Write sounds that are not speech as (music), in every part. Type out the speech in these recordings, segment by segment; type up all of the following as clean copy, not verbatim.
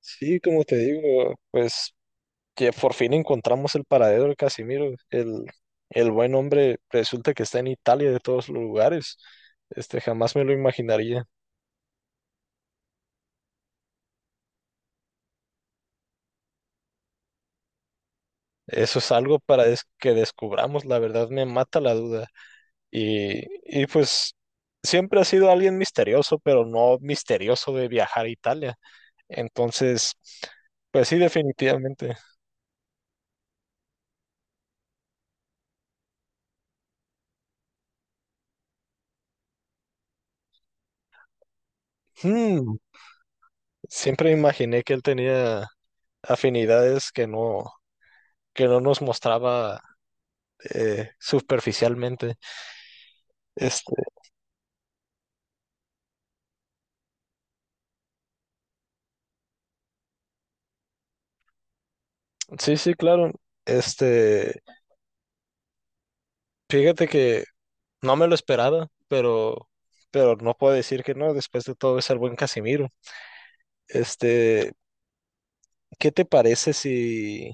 Sí, como te digo, pues que por fin encontramos el paradero de Casimiro. El buen hombre resulta que está en Italia de todos los lugares. Jamás me lo imaginaría. Eso es algo para que descubramos, la verdad me mata la duda. Y, y pues siempre ha sido alguien misterioso, pero no misterioso de viajar a Italia. Entonces, pues sí, definitivamente. Hmm, Siempre imaginé que él tenía afinidades que no nos mostraba superficialmente. Este, sí, sí, claro. Este, Fíjate que no me lo esperaba, pero, no puedo decir que no, después de todo es el buen Casimiro. Este, ¿Qué te parece si.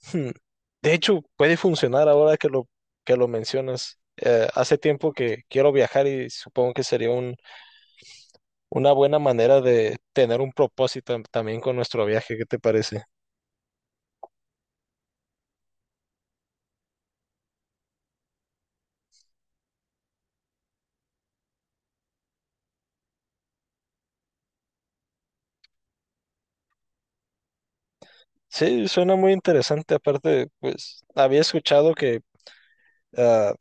Hmm, De hecho, puede funcionar ahora que que lo mencionas. Hace tiempo que quiero viajar y supongo que sería una buena manera de tener un propósito también con nuestro viaje. ¿Qué te parece? Sí, suena muy interesante. Aparte, pues había escuchado que ah,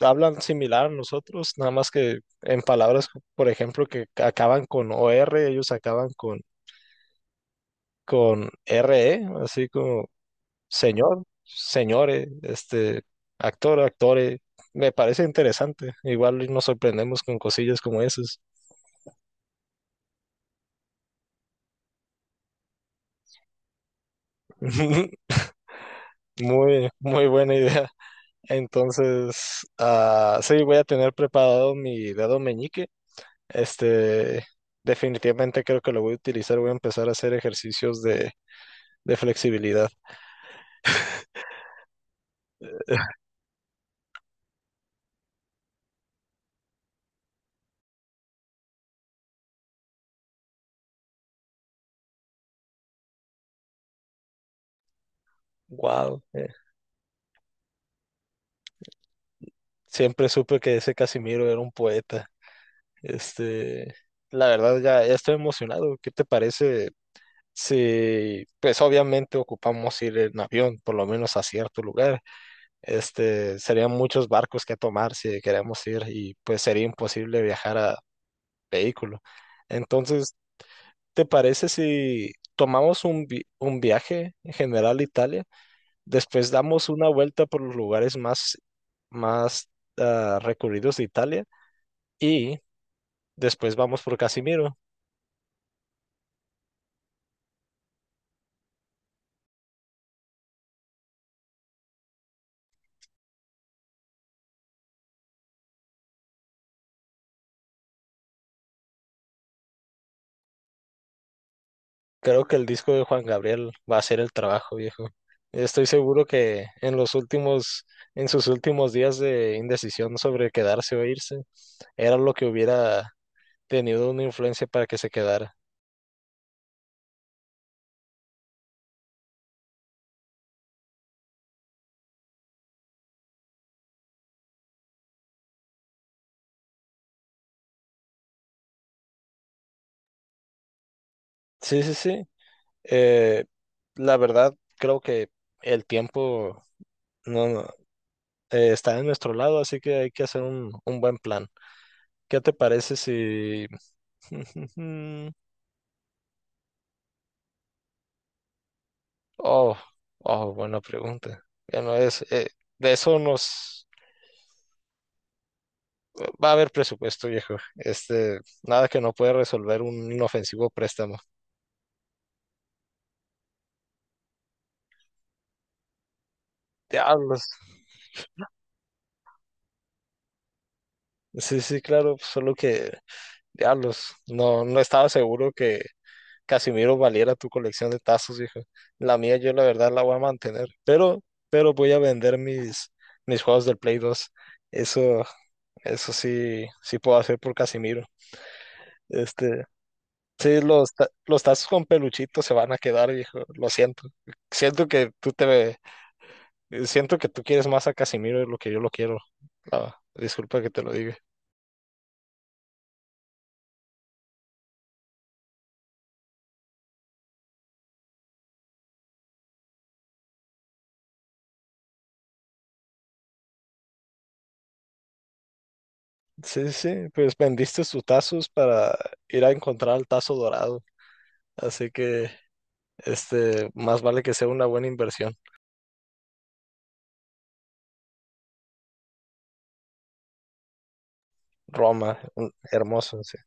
hablan similar a nosotros, nada más que en palabras, por ejemplo, que acaban con o r, ellos acaban con RE, así como señor, señore, actor, actore. Me parece interesante. Igual y nos sorprendemos con cosillas como esas. (laughs) Muy, muy buena idea. Entonces, sí, voy a tener preparado mi dedo meñique. Este, Definitivamente creo que lo voy a utilizar. Voy a empezar a hacer ejercicios de flexibilidad. Wow. Siempre supe que ese Casimiro era un poeta. Este, la verdad ya estoy emocionado. ¿Qué te parece si, pues obviamente ocupamos ir en avión, por lo menos a cierto lugar? Serían muchos barcos que tomar si queremos ir y pues sería imposible viajar a vehículo. Entonces, ¿te parece si tomamos un viaje en general a Italia? Después damos una vuelta por los lugares más recurridos de Italia y después vamos por Casimiro. Creo que el disco de Juan Gabriel va a hacer el trabajo, viejo. Estoy seguro que en sus últimos días de indecisión sobre quedarse o irse, era lo que hubiera tenido una influencia para que se quedara. Sí, sí, sí. Eh, la verdad, creo que el tiempo. No, no, está en nuestro lado, así que hay que hacer un buen plan. ¿Qué te parece si. (laughs) Oh, oh, buena pregunta. Ya no es. De eso nos. Va a haber presupuesto, viejo. Nada que no pueda resolver un inofensivo préstamo. Diablos. Sí, sí, claro, solo que. Diablos. No, no estaba seguro que Casimiro valiera tu colección de tazos, hijo. La mía yo la verdad la voy a mantener, pero, voy a vender mis juegos del Play 2. Eso, eso sí, sí puedo hacer por Casimiro. Este, sí, los tazos con peluchito se van a quedar, hijo. Lo siento. Siento que tú te, ve- siento que tú quieres más a Casimiro de lo que yo lo quiero. Disculpa que te lo diga. Sí, sí, pues vendiste tus tazos para ir a encontrar el tazo dorado. Así que más vale que sea una buena inversión. Roma, hermoso, sí.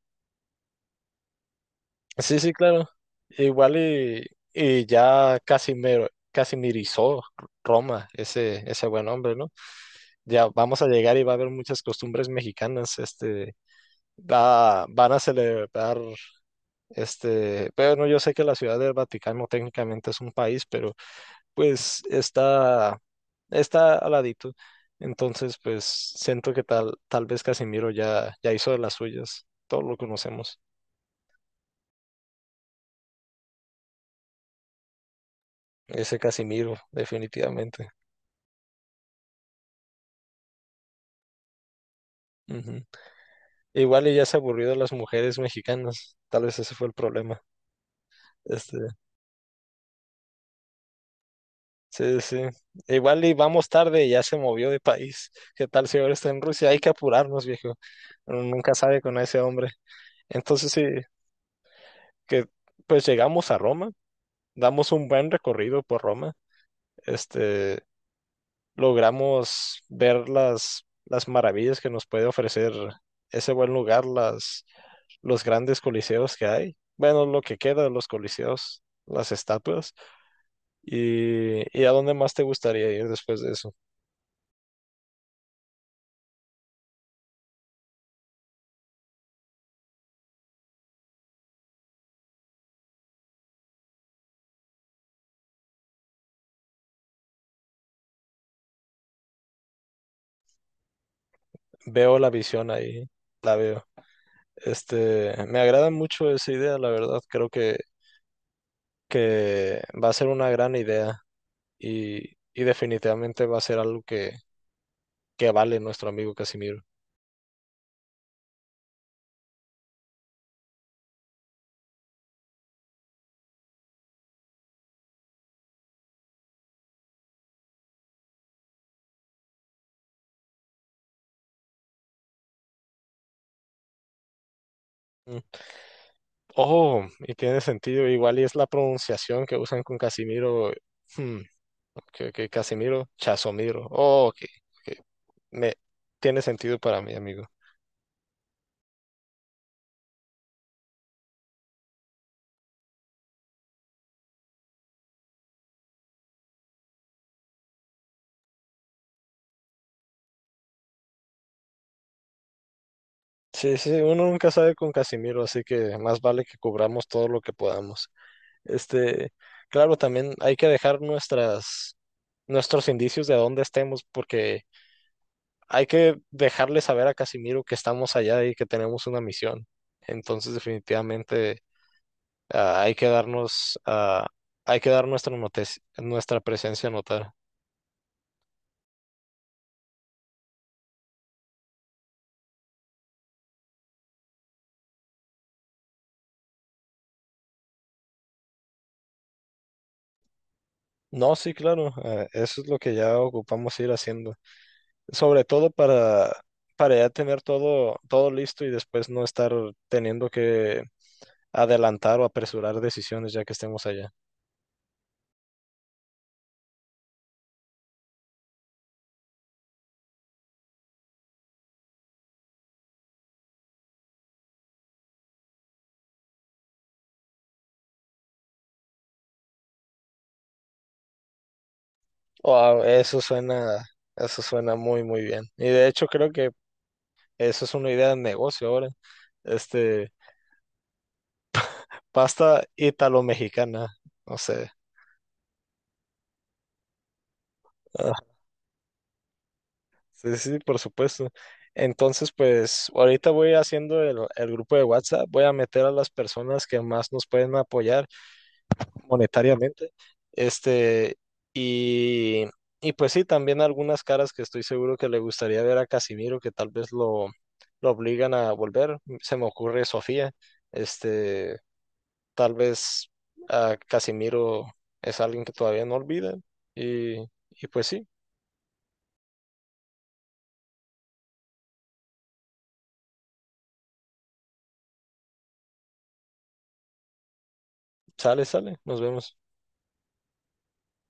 Sí, sí, claro. Igual y ya Casimiro, casimirizó Roma, ese buen hombre, ¿no? Ya vamos a llegar y va a haber muchas costumbres mexicanas, van a celebrar, bueno, yo sé que la Ciudad del Vaticano técnicamente es un país, pero pues está al ladito. Entonces, pues siento que tal vez Casimiro ya hizo de las suyas. Todos lo conocemos. Ese Casimiro, definitivamente. Ujú. Igual y ya se aburrió de las mujeres mexicanas. Tal vez ese fue el problema. Este, sí, sí. Igual y vamos tarde, ya se movió de país. ¿Qué tal si ahora está en Rusia? Hay que apurarnos, viejo. Uno nunca sabe con ese hombre. Entonces, sí, que pues llegamos a Roma, damos un buen recorrido por Roma. Este, Logramos ver las maravillas que nos puede ofrecer ese buen lugar, los grandes coliseos que hay. Bueno, lo que queda de los coliseos, las estatuas. ¿Y a dónde más te gustaría ir después de eso? Veo la visión ahí, la veo. Me agrada mucho esa idea, la verdad. Creo que va a ser una gran idea y definitivamente va a ser algo que vale nuestro amigo Casimiro. Oh, y tiene sentido, igual y es la pronunciación que usan con Casimiro. hmm, ok, ok, Casimiro, Chasomiro. Oh, ok, ok, Me, tiene sentido para mí, amigo. Sí, sí, uno nunca sabe con Casimiro, así que más vale que cubramos todo lo que podamos. Este, claro, también hay que dejar nuestros indicios de dónde estemos, porque hay que dejarle saber a Casimiro que estamos allá y que tenemos una misión. Entonces, definitivamente, ah, hay que darnos, ah, hay que dar nuestra presencia a notar. No, sí, claro, eso es lo que ya ocupamos ir haciendo. Sobre todo para ya tener todo listo y después no estar teniendo que adelantar o apresurar decisiones ya que estemos allá. Wow, eso suena muy, muy bien. Y de hecho creo que eso es una idea de negocio ahora. Este, Pasta italo-mexicana, no sé. Ah, sí, sí, por supuesto. Entonces, pues ahorita voy haciendo el grupo de WhatsApp, voy a meter a las personas que más nos pueden apoyar monetariamente. Este, y, y pues sí, también algunas caras que estoy seguro que le gustaría ver a Casimiro, que tal vez lo obligan a volver. Se me ocurre Sofía. Este, Tal vez a Casimiro es alguien que todavía no olvida. Y, y pues sí, sale, sale. Nos vemos.